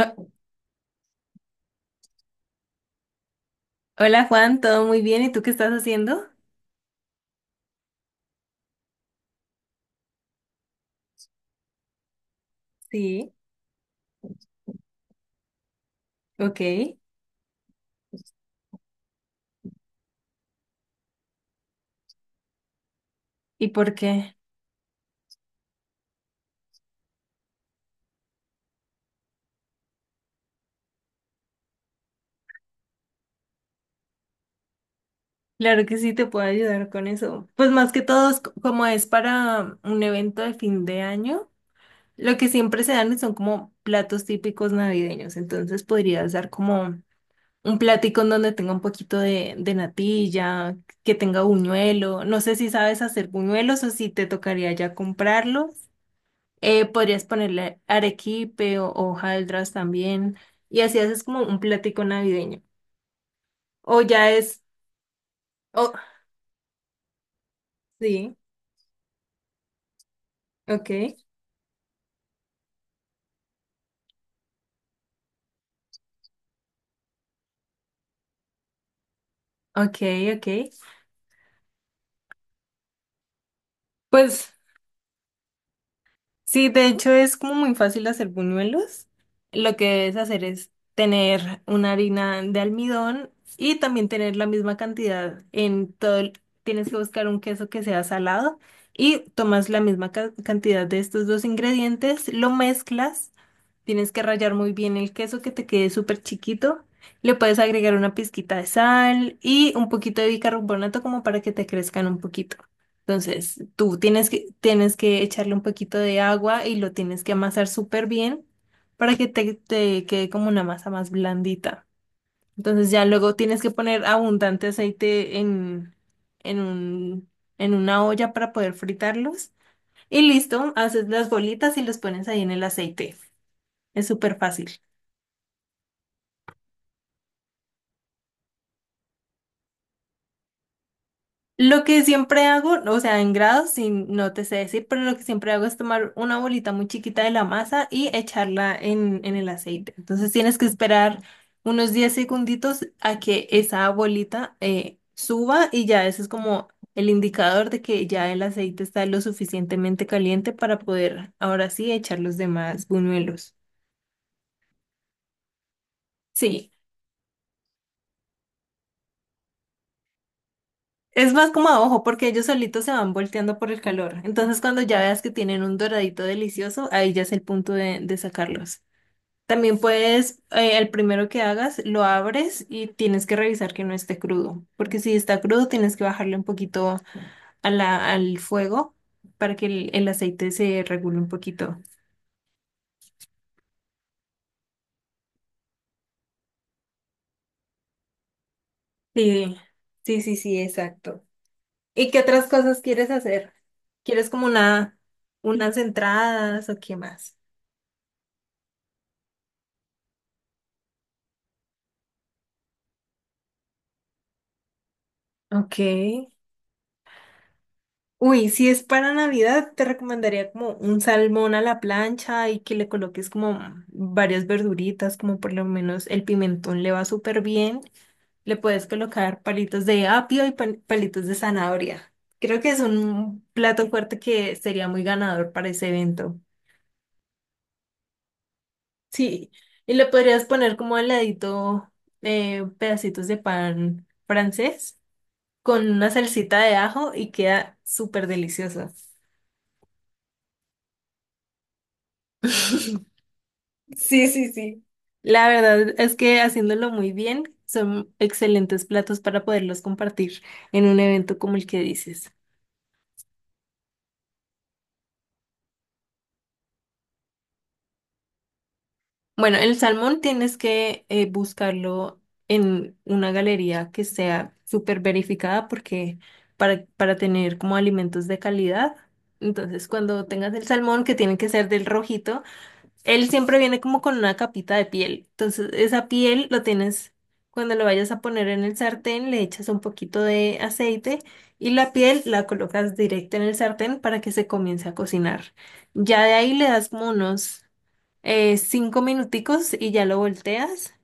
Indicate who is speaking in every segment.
Speaker 1: Ah, hola Juan, todo muy bien. ¿Y tú qué estás haciendo? Sí. Ok. ¿Y por qué? Claro que sí, te puedo ayudar con eso. Pues más que todo, como es para un evento de fin de año, lo que siempre se dan son como platos típicos navideños. Entonces podrías dar como un platico en donde tenga un poquito de natilla, que tenga buñuelo. No sé si sabes hacer buñuelos o si te tocaría ya comprarlos. Podrías ponerle arequipe o hojaldras también. Y así haces como un platico navideño. O ya es. Oh, sí, ok, ok, ok. Pues, sí, de hecho es como muy fácil hacer buñuelos. Lo que debes hacer es tener una harina de almidón y también tener la misma cantidad en todo el- Tienes que buscar un queso que sea salado y tomas la misma cantidad de estos dos ingredientes, lo mezclas, tienes que rallar muy bien el queso que te quede súper chiquito, le puedes agregar una pizquita de sal y un poquito de bicarbonato como para que te crezcan un poquito. Entonces, tú tienes que echarle un poquito de agua y lo tienes que amasar súper bien para que te quede como una masa más blandita. Entonces, ya luego tienes que poner abundante aceite en un, en una olla para poder fritarlos. Y listo, haces las bolitas y los pones ahí en el aceite. Es súper fácil. Lo que siempre hago, o sea, en grados, sí, no te sé decir, pero lo que siempre hago es tomar una bolita muy chiquita de la masa y echarla en el aceite. Entonces tienes que esperar unos 10 segunditos a que esa bolita suba y ya ese es como el indicador de que ya el aceite está lo suficientemente caliente para poder ahora sí echar los demás buñuelos. Sí, es más como a ojo, porque ellos solitos se van volteando por el calor. Entonces, cuando ya veas que tienen un doradito delicioso, ahí ya es el punto de sacarlos. También puedes, el primero que hagas, lo abres y tienes que revisar que no esté crudo, porque si está crudo, tienes que bajarle un poquito a la, al fuego para que el aceite se regule un poquito. Sí, sí, sí, sí, exacto. ¿Y qué otras cosas quieres hacer? ¿Quieres como una, unas entradas o qué más? Ok. Uy, si es para Navidad, te recomendaría como un salmón a la plancha y que le coloques como varias verduritas, como por lo menos el pimentón le va súper bien. Le puedes colocar palitos de apio y palitos de zanahoria. Creo que es un plato fuerte que sería muy ganador para ese evento. Sí, y le podrías poner como al ladito pedacitos de pan francés con una salsita de ajo y queda súper delicioso. Sí, sí, sí. La verdad es que haciéndolo muy bien son excelentes platos para poderlos compartir en un evento como el que dices. Bueno, el salmón tienes que buscarlo en una galería que sea súper verificada porque para tener como alimentos de calidad. Entonces, cuando tengas el salmón, que tiene que ser del rojito, él siempre viene como con una capita de piel. Entonces, esa piel lo tienes, cuando lo vayas a poner en el sartén, le echas un poquito de aceite y la piel la colocas directa en el sartén para que se comience a cocinar. Ya de ahí le das como unos 5 minuticos y ya lo volteas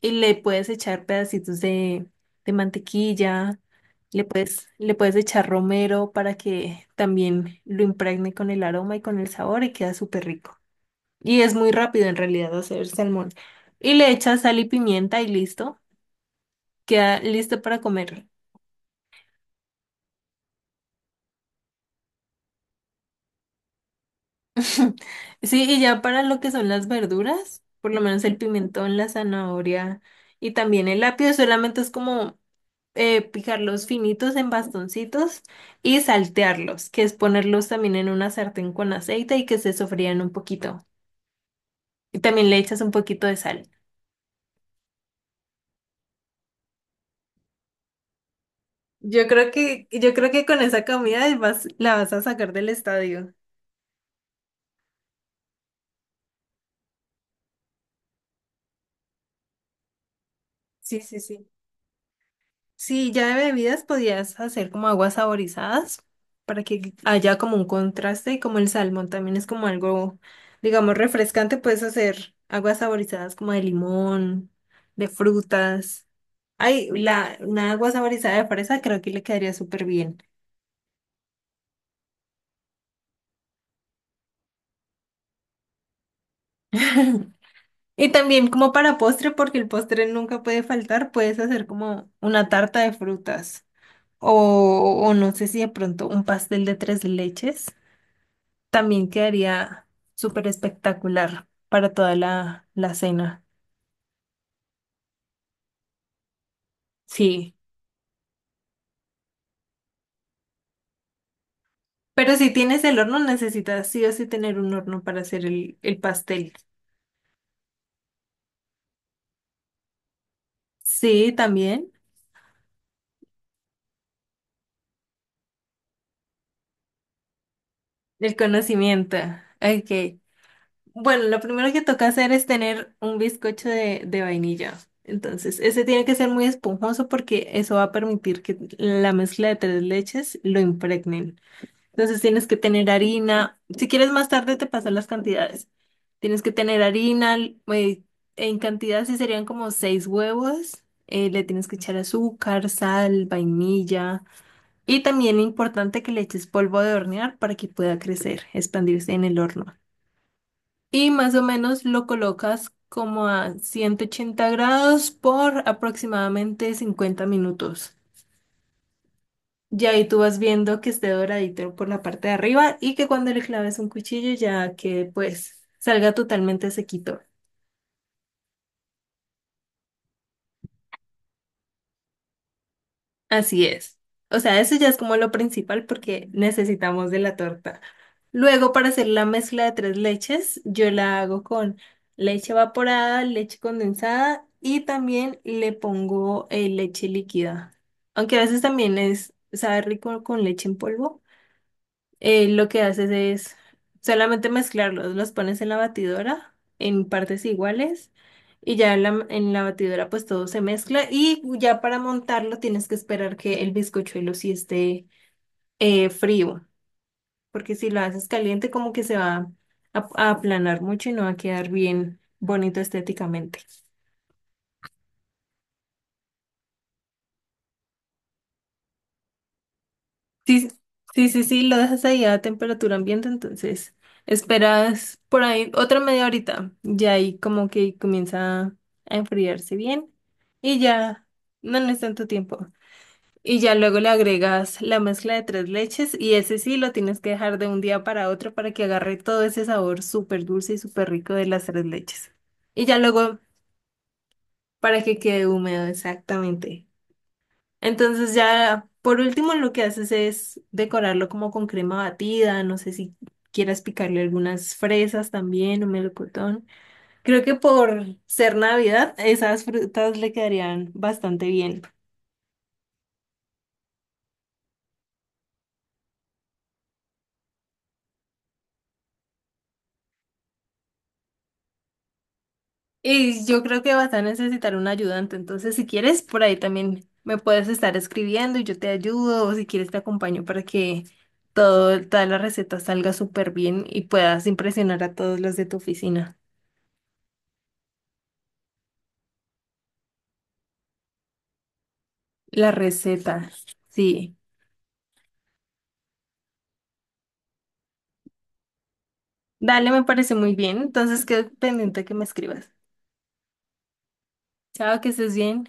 Speaker 1: y le puedes echar pedacitos de mantequilla, le puedes echar romero para que también lo impregne con el aroma y con el sabor y queda súper rico. Y es muy rápido en realidad hacer salmón. Y le echas sal y pimienta y listo. Queda listo para comer. Sí, y ya para lo que son las verduras, por lo menos el pimentón, la zanahoria y también el apio, solamente es como picarlos finitos en bastoncitos y saltearlos, que es ponerlos también en una sartén con aceite y que se sofrían un poquito. Y también le echas un poquito de sal. Yo creo que con esa comida vas, la vas a sacar del estadio. Sí, sí, sí. Sí, ya de bebidas podías hacer como aguas saborizadas para que haya como un contraste y como el salmón también es como algo, digamos, refrescante, puedes hacer aguas saborizadas como de limón, de frutas. Ay, la, una agua saborizada de fresa creo que le quedaría súper bien. Y también como para postre, porque el postre nunca puede faltar, puedes hacer como una tarta de frutas o no sé si de pronto un pastel de tres leches. También quedaría súper espectacular para toda la cena. Sí. Pero si tienes el horno, necesitas sí o sí tener un horno para hacer el pastel. Sí, también. El conocimiento. Ok. Bueno, lo primero que toca hacer es tener un bizcocho de vainilla. Entonces, ese tiene que ser muy esponjoso porque eso va a permitir que la mezcla de tres leches lo impregnen. Entonces tienes que tener harina. Si quieres más tarde te paso las cantidades. Tienes que tener harina, en cantidad sí serían como seis huevos. Le tienes que echar azúcar, sal, vainilla. Y también importante que le eches polvo de hornear para que pueda crecer, expandirse en el horno. Y más o menos lo colocas como a 180 grados por aproximadamente 50 minutos. Ya ahí tú vas viendo que esté doradito por la parte de arriba y que cuando le claves un cuchillo ya que pues salga totalmente sequito. Así es. O sea, eso ya es como lo principal porque necesitamos de la torta. Luego, para hacer la mezcla de tres leches, yo la hago con leche evaporada, leche condensada y también le pongo leche líquida. Aunque a veces también es, sabe rico con leche en polvo. Lo que haces es solamente mezclarlos, los pones en la batidora en partes iguales y ya en la batidora pues todo se mezcla y ya para montarlo tienes que esperar que el bizcochuelo sí esté frío, porque si lo haces caliente como que se va a aplanar mucho y no va a quedar bien bonito estéticamente. Sí, sí, sí, sí, lo dejas ahí a temperatura ambiente, entonces esperas por ahí otra media horita ya ahí como que comienza a enfriarse bien y ya no, no es tanto tiempo. Y ya luego le agregas la mezcla de tres leches y ese sí lo tienes que dejar de un día para otro para que agarre todo ese sabor súper dulce y súper rico de las tres leches. Y ya luego para que quede húmedo, exactamente. Entonces ya, por último, lo que haces es decorarlo como con crema batida, no sé si quieras picarle algunas fresas también o melocotón. Creo que por ser Navidad, esas frutas le quedarían bastante bien. Y yo creo que vas a necesitar un ayudante, entonces si quieres, por ahí también me puedes estar escribiendo y yo te ayudo, o si quieres te acompaño para que todo, toda la receta salga súper bien y puedas impresionar a todos los de tu oficina. La receta, sí. Dale, me parece muy bien. Entonces quedo pendiente que me escribas. Chao, que estés bien.